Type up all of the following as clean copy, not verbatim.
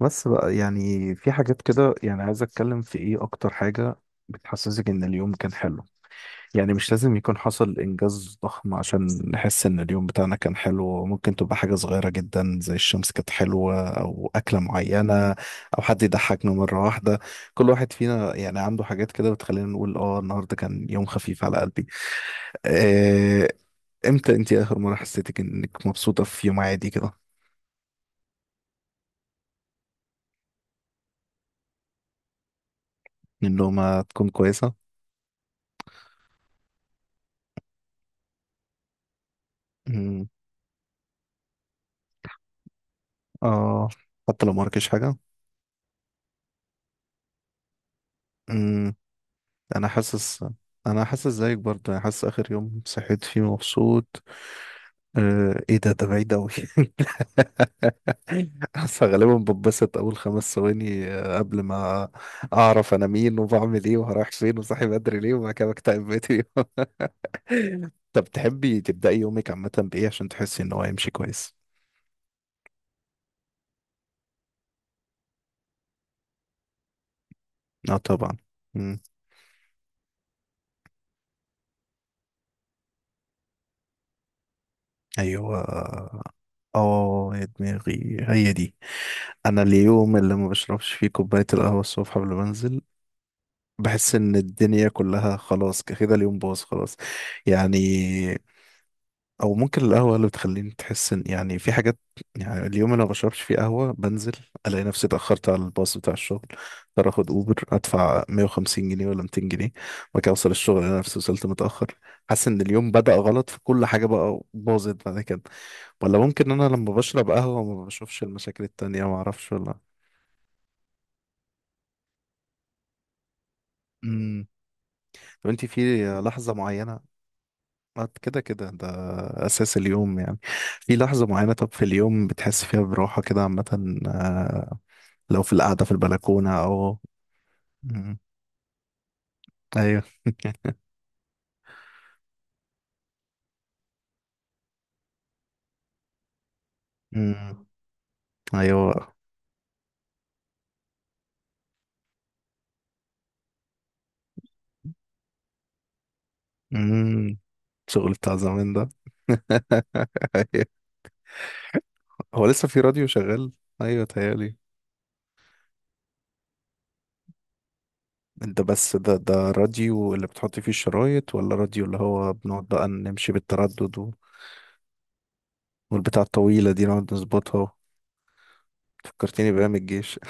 بس بقى يعني في حاجات كده، يعني عايز اتكلم في ايه اكتر حاجة بتحسسك ان اليوم كان حلو. يعني مش لازم يكون حصل انجاز ضخم عشان نحس ان اليوم بتاعنا كان حلو، ممكن تبقى حاجة صغيرة جدا، زي الشمس كانت حلوة او اكلة معينة او حد يضحكنا مرة واحدة. كل واحد فينا يعني عنده حاجات كده بتخلينا نقول اه النهاردة كان يوم خفيف على قلبي. آه، امتى انتي اخر مرة حسيتك انك مبسوطة في يوم عادي كده؟ النومة تكون كويسة. اه، حتى لو ما وراكيش حاجة. امم انا حاسس انا حاسس زيك برضه. انا حاسس اخر يوم صحيت فيه مبسوط، ايه ده بعيد اوي. حاسس غالبا بتبسط اول 5 ثواني، قبل ما اعرف انا مين وبعمل ايه وهروح فين وصاحي بدري ليه، وبعد كده بكتئب بقيت اليوم. طب تحبي تبدأي يومك عامة بايه عشان تحسي ان هو هيمشي كويس؟ اه طبعا. ايوه، اه يا دماغي هي دي. انا اليوم اللي ما بشربش فيه كوبايه القهوه الصبح قبل ما انزل، بحس ان الدنيا كلها خلاص كده، اليوم باظ خلاص. يعني، او ممكن القهوه اللي بتخليني تحس ان يعني في حاجات. يعني اليوم اللي ما بشربش فيه قهوه بنزل، الاقي نفسي اتاخرت على الباص بتاع الشغل، اضطر اخد اوبر ادفع 150 جنيه ولا 200 جنيه، وبعد كده اوصل الشغل انا نفسي وصلت متاخر. حاسس ان اليوم بدأ غلط، في كل حاجه بقى باظت بعد كده. ولا ممكن انا لما بشرب قهوة ما بشوفش المشاكل التانية، ما اعرفش. ولا، امم طب انت في لحظة معينة، ما أنت كده كده ده، اساس اليوم يعني. في لحظة معينة، طب في اليوم بتحس فيها براحة كده عامة، لو في القعدة في البلكونة او. مم. ايوه. مم. ايوه. مم. الشغل بتاع زمان ده. ايوه، هو لسه في راديو شغال؟ ايوه تهيألي. انت بس ده راديو اللي بتحط فيه الشرايط، ولا راديو اللي هو بنقعد بقى نمشي بالتردد و... والبتاع الطويلة دي نقعد نظبطها. فكرتني بأيام الجيش.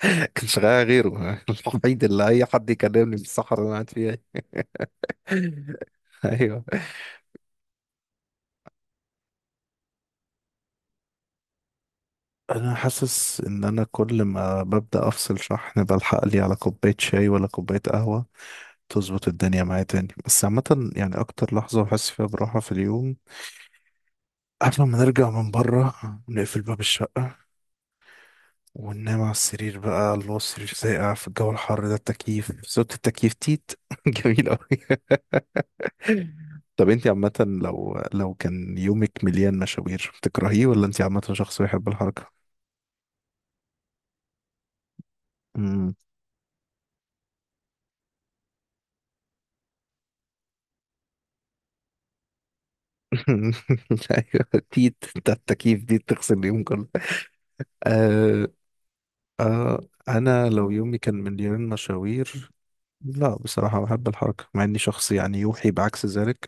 كان شغال غيره. الوحيد اللي أي حد يكلمني في الصحراء اللي أنا قاعد فيها. أيوه. أنا حاسس إن أنا كل ما ببدأ أفصل شحن بلحق لي على كوباية شاي ولا كوباية قهوة، تظبط الدنيا معايا تاني. بس عامة يعني أكتر لحظة بحس فيها براحة في اليوم، قبل ما نرجع من بره، نقفل باب الشقة وننام على السرير. بقى الله، السرير ساقع في الجو الحر ده، التكييف، صوت التكييف، تيت. جميل أوي. طب انت عامة، لو كان يومك مليان مشاوير بتكرهيه، ولا انت عامة شخص بيحب الحركة؟ مم. ايوه، تيت بتاع التكييف دي تغسل اليوم كله. آه. آه. انا لو يومي كان مليان مشاوير، لا بصراحة بحب الحركة، مع اني شخص يعني يوحي بعكس ذلك.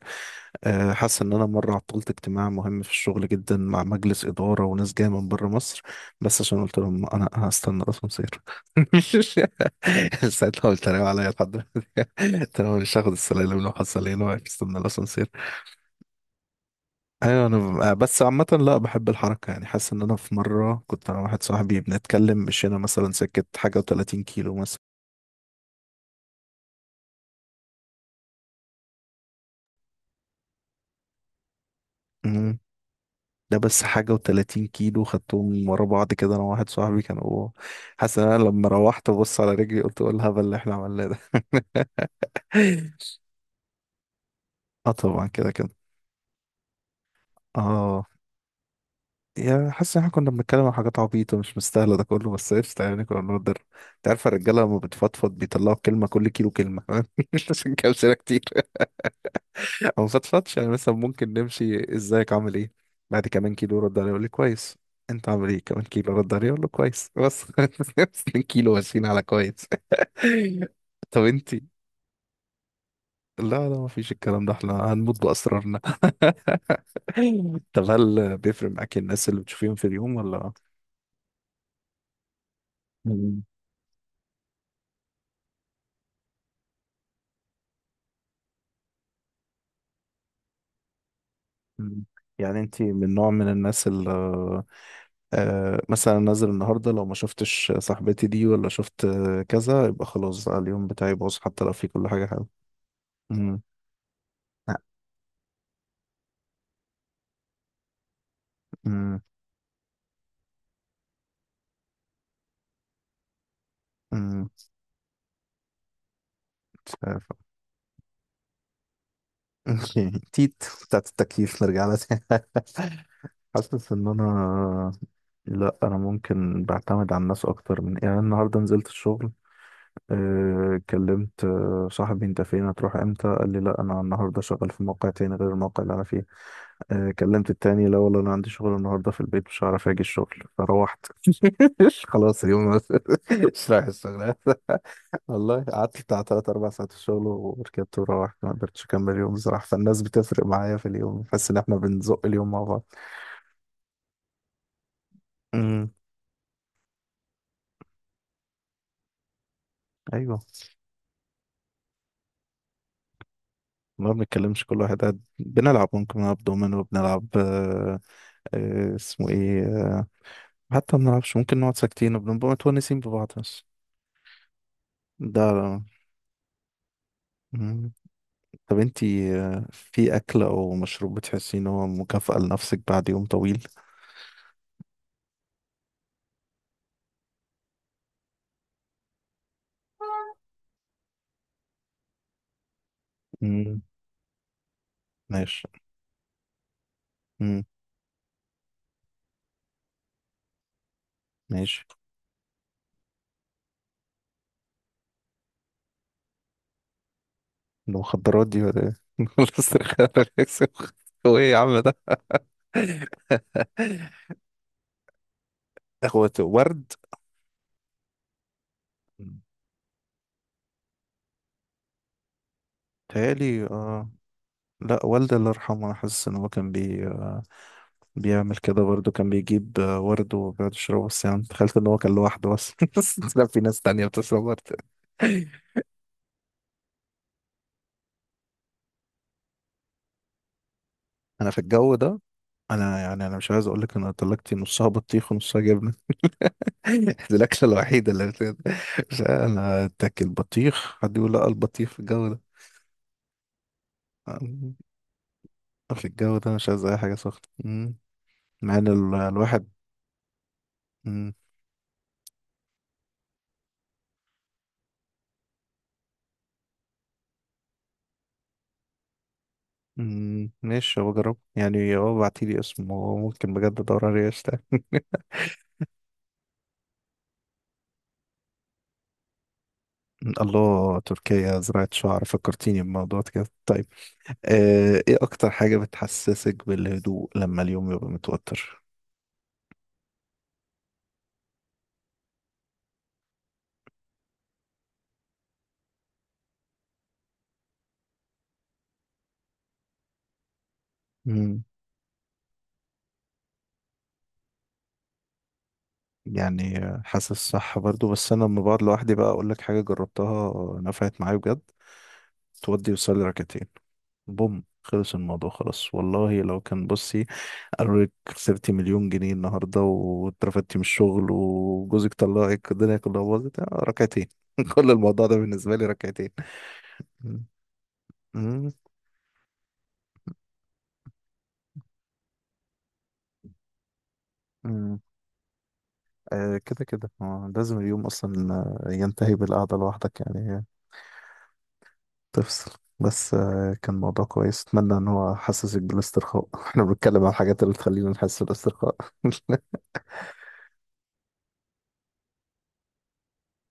حاسس ان انا مره عطلت اجتماع مهم في الشغل جدا، مع مجلس اداره وناس جايه من بره مصر، بس عشان قلت لهم انا هستنى الاسانسير. ساعتها قلت عليا عليا لحد، قلت لهم مش هاخد السلالم، لو حصل ايه، لو واقف استنى الاسانسير. ايوه انا بس عامه لا بحب الحركه. يعني حاسس ان انا في مره كنت انا واحد صاحبي بنتكلم، مشينا مثلا سكه حاجه و30 كيلو مثلا. ده بس حاجة و30 كيلو خدتهم ورا بعض كده، أنا وواحد صاحبي كانوا. حاسس إن أنا لما روحت ببص على رجلي قلت إيه الهبل اللي إحنا عملناه ده. آه طبعا كده كده. آه، يا حاسس إن إحنا كنا بنتكلم عن حاجات عبيطة مش مستاهلة ده كله، بس قشطة يعني كنا بنقدر. أنت عارفة الرجالة لما بتفضفض بيطلعوا كلمة كل كيلو كلمة. عشان كده كتير او مفطفتش، يعني مثلا ممكن نمشي ازيك عامل ايه، بعد كمان كيلو رد عليه يقول لي كويس. انت عامل ايه؟ كمان 1 كيلو رد عليه يقول له كويس بس. 2 كيلو ماشيين على كويس. طب انت، لا لا ما فيش الكلام ده، احنا هنموت باسرارنا. طب هل بيفرق معاك الناس اللي بتشوفيهم في اليوم ولا؟ مم. مم. يعني انت من نوع من الناس اللي، مثلا نازل النهارده لو ما شفتش صاحبتي دي ولا شفت، كذا يبقى خلاص بقى اليوم بتاعي باظ، حتى لو في كل حاجه حلوه. مم. لا. مم. مم. مش عارف. اوكي، تيت. بتاعت التكييف نرجع لها تاني. حاسس ان انا، لا انا ممكن بعتمد على الناس اكتر من، يعني أنا النهارده نزلت الشغل، كلمت صاحبي، انت فين هتروح امتى؟ قال لي لا انا النهارده شغال في موقع تاني غير الموقع اللي انا فيه. كلمت التاني، لا والله انا عندي شغل النهارده في البيت مش هعرف اجي الشغل. فروحت، خلاص اليوم، مش رايح الشغل. والله قعدت بتاع تلات أربع ساعات في الشغل، وركبت وروحت، ما قدرتش أكمل اليوم بصراحة. فالناس بتفرق معايا في اليوم، بحس إن إحنا بنزق اليوم مع بعض. امم، أيوه ما بنتكلمش، كل واحد قاعد. بنلعب، ممكن نلعب دومينو، وبنلعب آه، آه اسمه إيه آه. حتى ما بنلعبش، ممكن نقعد ساكتين وبنبقى متونسين ببعض بس. ده لا. مم. طب أنتي، في أكل أو مشروب بتحسي إن هو مكافأة لنفسك بعد يوم طويل؟ مم. ماشي. مم. ماشي. المخدرات دي ولا ايه؟ ولا استرخاء ولا إكس-. هو ايه يا عم ده؟ هو ورد؟ تهيألي آه. لا والدي الله يرحمه، أنا حاسس إن هو كان بي آه، بيعمل كده برضه، كان بيجيب آه ورد وبيقعد يشربه، بس يعني تخيلت إن هو كان لوحده بس. بس لا، في ناس تانية بتشرب ورد. أنا في الجو ده، أنا يعني أنا مش عايز أقول لك إن انا طلقتي نصها بطيخ ونصها جبنة. دي الأكلة الوحيدة اللي بت-. مش عارف، أنا أتاكل بطيخ حد يقول لا، البطيخ في الجو ده، في الجو ده مش عايز اي حاجه سخنه. مم. مع ان ال- الواحد. مم. مم. ماشي، هو جرب، يعني هو بعتيلي اسمه ممكن بجد ادور عليه اشتغل. الله، تركيا زراعة شعر، فكرتيني بموضوع كده. طيب ايه اكتر حاجة بتحسسك بالهدوء لما اليوم يبقى متوتر؟ مم. يعني حاسس صح برضو، بس انا لما بقعد لوحدي بقى اقول لك حاجة جربتها نفعت معايا بجد. تودي وصلي ركعتين، بوم خلص الموضوع خلاص والله، لو كان بصي قالوا لك خسرتي 1,000,000 جنيه النهارده، واترفدتي من الشغل، وجوزك طلعك، الدنيا كلها باظت، آه، ركعتين. كل الموضوع ده بالنسبه لي ركعتين. مم. مم. مم. آه كده كده، لازم اليوم اصلا ينتهي بالقعده لوحدك يعني. تفصل. بس آه كان موضوع كويس، اتمنى ان هو حسسك بالاسترخاء. احنا بنتكلم عن الحاجات اللي تخلينا نحس بالاسترخاء.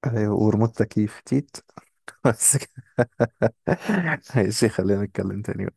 ايوه، وريموت تكييف تيت. بس كده. ماشي، خلينا نتكلم تاني.